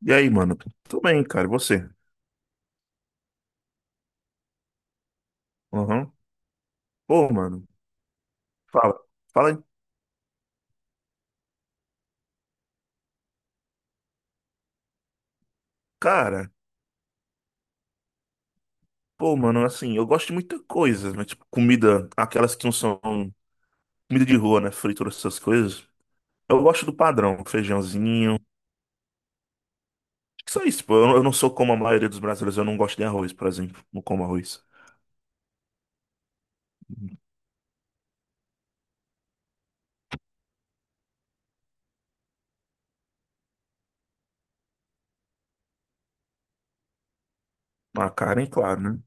E aí, mano? Tudo bem, cara? E você? Aham. Pô, mano, fala. Fala, aí. Cara. Pô, mano, assim, eu gosto de muita coisa, mas, tipo, comida, aquelas que não são comida de rua, né? Fritura, essas coisas. Eu gosto do padrão, feijãozinho. Acho que só isso, pô. Eu não sou como a maioria dos brasileiros, eu não gosto de arroz, por exemplo. Não como arroz. Uma carne, claro, né?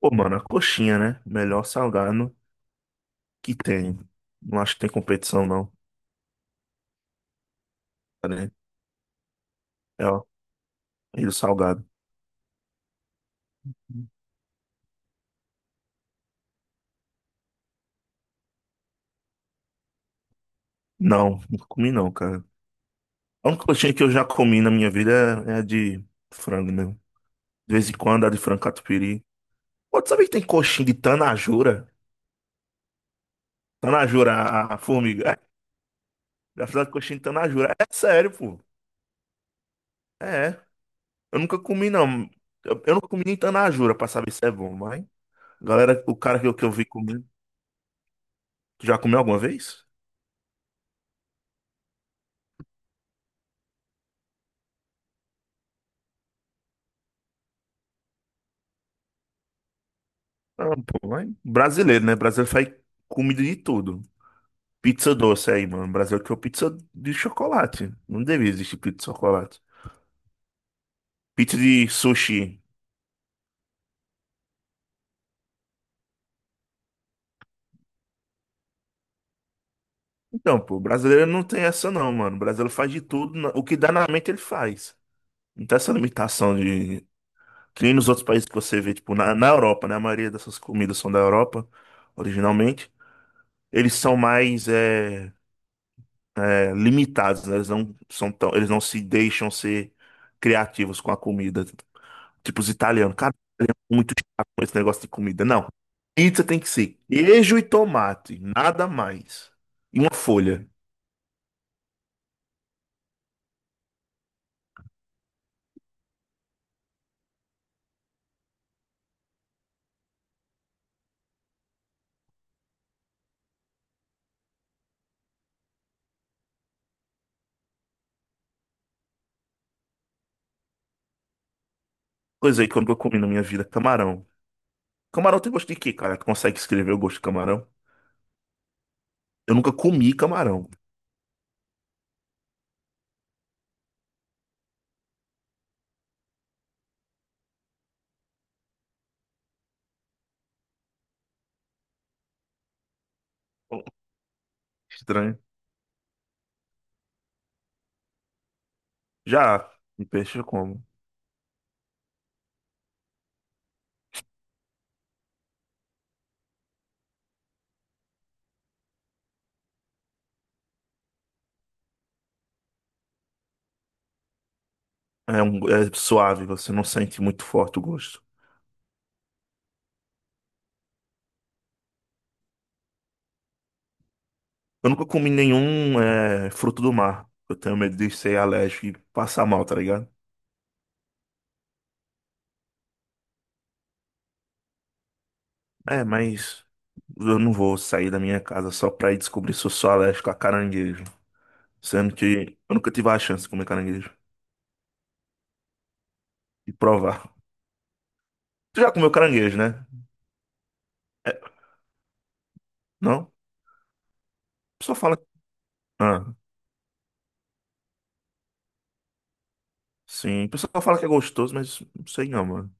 Pô, mano, a coxinha, né? Melhor salgado que tem. Não acho que tem competição, não. Tá, né? É, ó, e o salgado. Não, não comi não, cara. A única coxinha que eu já comi na minha vida é a de frango mesmo. De vez em quando, a de frango catupiry. Pô, tu sabia que tem coxinha de tanajura? Tanajura, a formiga. É, já fizeram coxinha de tanajura. É sério, pô. É. Eu nunca comi, não. Eu nunca comi nem tanajura pra saber se é bom, mas... Galera, o cara que eu vi comendo... Tu já comeu alguma vez? Não, pô, mas... Brasileiro, né? Brasileiro faz comida de tudo. Pizza doce aí, mano. Brasileiro que é pizza de chocolate. Não devia existir pizza de chocolate. Pizza de sushi. Então, pô, o brasileiro não tem essa não, mano. O brasileiro faz de tudo, na- o que dá na mente ele faz. Não tem essa limitação de... Que nem nos outros países que você vê, tipo, na, na Europa, né? A maioria dessas comidas são da Europa, originalmente. Eles são mais é, é, limitados, né? Eles não são tão... Eles não se deixam ser criativos com a comida. Tipo os italianos. Cara, é muito chato com esse negócio de comida. Não. Pizza tem que ser queijo e tomate, nada mais. E uma folha. Coisa aí que eu nunca comi na minha vida, camarão. Camarão tem gosto de quê, cara? Tu consegue escrever o gosto de camarão? Eu nunca comi camarão. Estranho. Já, de peixe eu como. É, um, é suave, você não sente muito forte o gosto. Eu nunca comi nenhum é, fruto do mar. Eu tenho medo de ser alérgico e passar mal, tá ligado? É, mas eu não vou sair da minha casa só pra ir descobrir se eu sou alérgico a caranguejo. Sendo que eu nunca tive a chance de comer caranguejo e provar. Tu já comeu caranguejo, né? É, não? Só fala. Ah. Sim, o pessoal fala que é gostoso, mas não sei não, mano.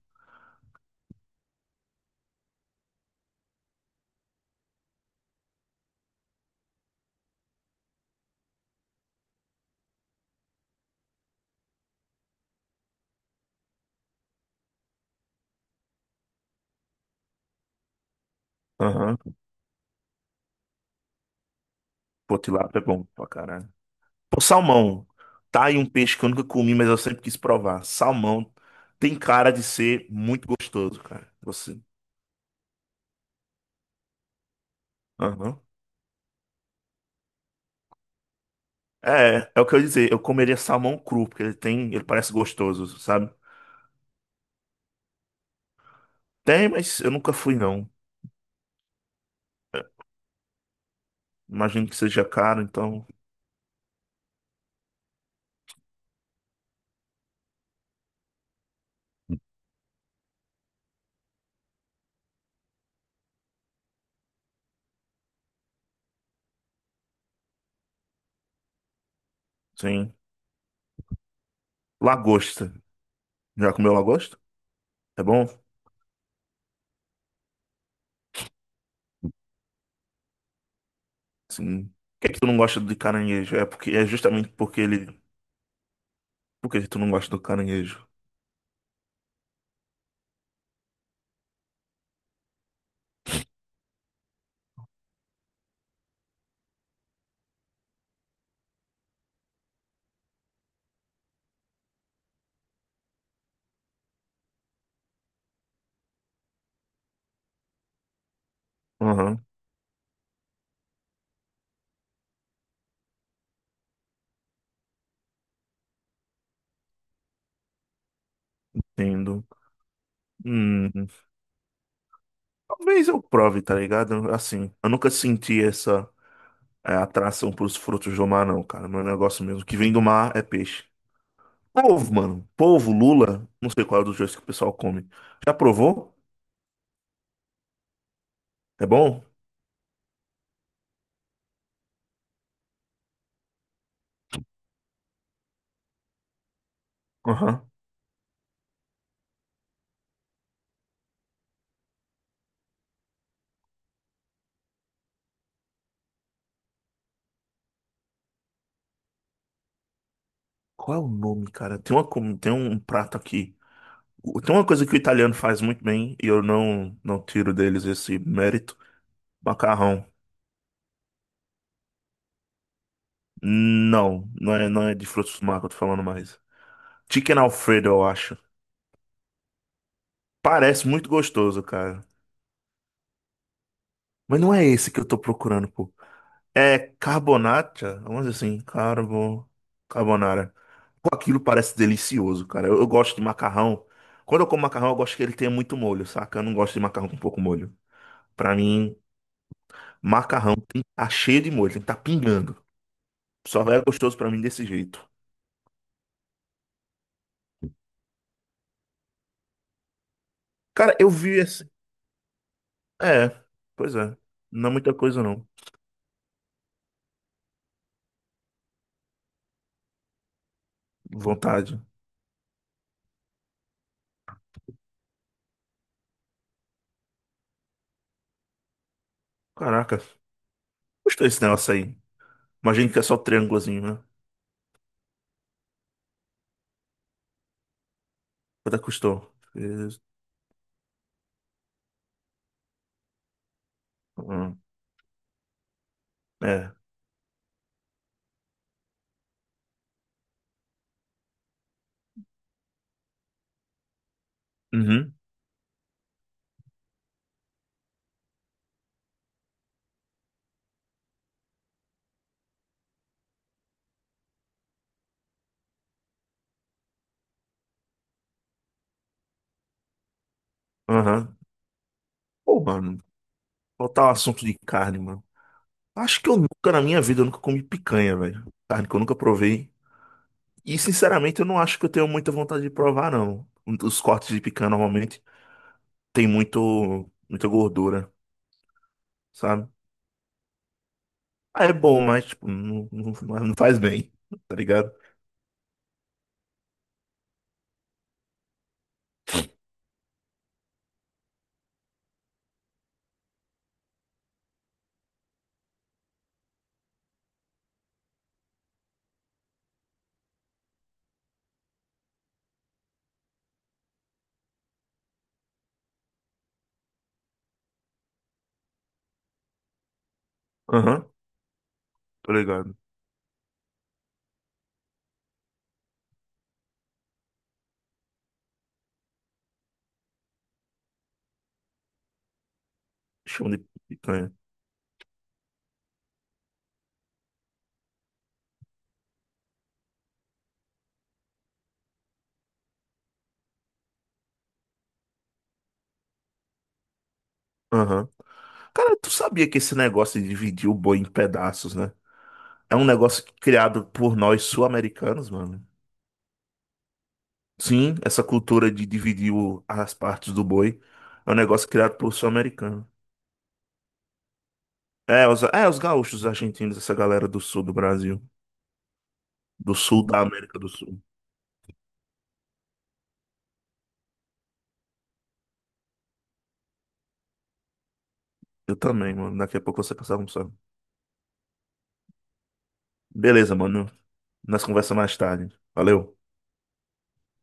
Aham. Pô, tilápia é bom pra caralho. Pô, salmão. Tá aí um peixe que eu nunca comi, mas eu sempre quis provar. Salmão tem cara de ser muito gostoso, cara. Você. Aham. É, é o que eu ia dizer. Eu comeria salmão cru, porque ele tem, ele parece gostoso, sabe? Tem, mas eu nunca fui, não. Imagino que seja caro, então. Sim. Lagosta. Já comeu lagosta? É bom? Sim. Por que que tu não gosta de caranguejo? É porque é justamente porque ele. Por que tu não gosta do caranguejo? Aham, entendo. Hum, talvez eu prove, tá ligado? Assim, eu nunca senti essa é, atração pros frutos do mar, não, cara. Meu negócio mesmo, que vem do mar é peixe. Polvo, mano. Polvo, lula, não sei qual é dos dois que o pessoal come. Já provou? É bom? Aham. Qual é o nome, cara? Tem uma, com- tem um prato aqui. O- Tem uma coisa que o italiano faz muito bem, e eu não tiro deles esse mérito. Macarrão. Não, não é de frutos do mar que eu tô falando mais. Chicken Alfredo, eu acho. Parece muito gostoso, cara. Mas não é esse que eu tô procurando, pô. É carbonata? Vamos dizer assim, carbo... carbonara. Pô, aquilo parece delicioso, cara. Eu gosto de macarrão. Quando eu como macarrão, eu gosto que ele tenha muito molho, saca? Eu não gosto de macarrão com pouco molho. Pra mim, macarrão tem que tá cheio de molho, tem que tá pingando. Só era gostoso pra mim desse jeito. Cara, eu vi esse. É, pois é. Não é muita coisa, não. Vontade. Caraca, custou esse negócio aí. Imagino que é só triângulozinho, né? Quanto é que custou? Fez- hum. É. Uhum. Aham. Pô, mano, voltar ao assunto de carne, mano. Acho que eu nunca na minha vida eu nunca comi picanha, velho. Carne que eu nunca provei. E sinceramente eu não acho que eu tenho muita vontade de provar, não. Os cortes de picanha normalmente tem muito, muita gordura, sabe? Ah, é bom, mas tipo, não faz bem, tá ligado? Aham, tô ligado. Chão de picanha. Aham. Cara, tu sabia que esse negócio de dividir o boi em pedaços, né? É um negócio criado por nós sul-americanos, mano. Sim, essa cultura de dividir o- as partes do boi é um negócio criado por sul-americano. É, os gaúchos, os argentinos, essa galera do sul do Brasil. Do sul da América do Sul. Eu também, mano. Daqui a pouco você passar almoçar. Beleza, mano. Nós conversamos mais tarde. Valeu.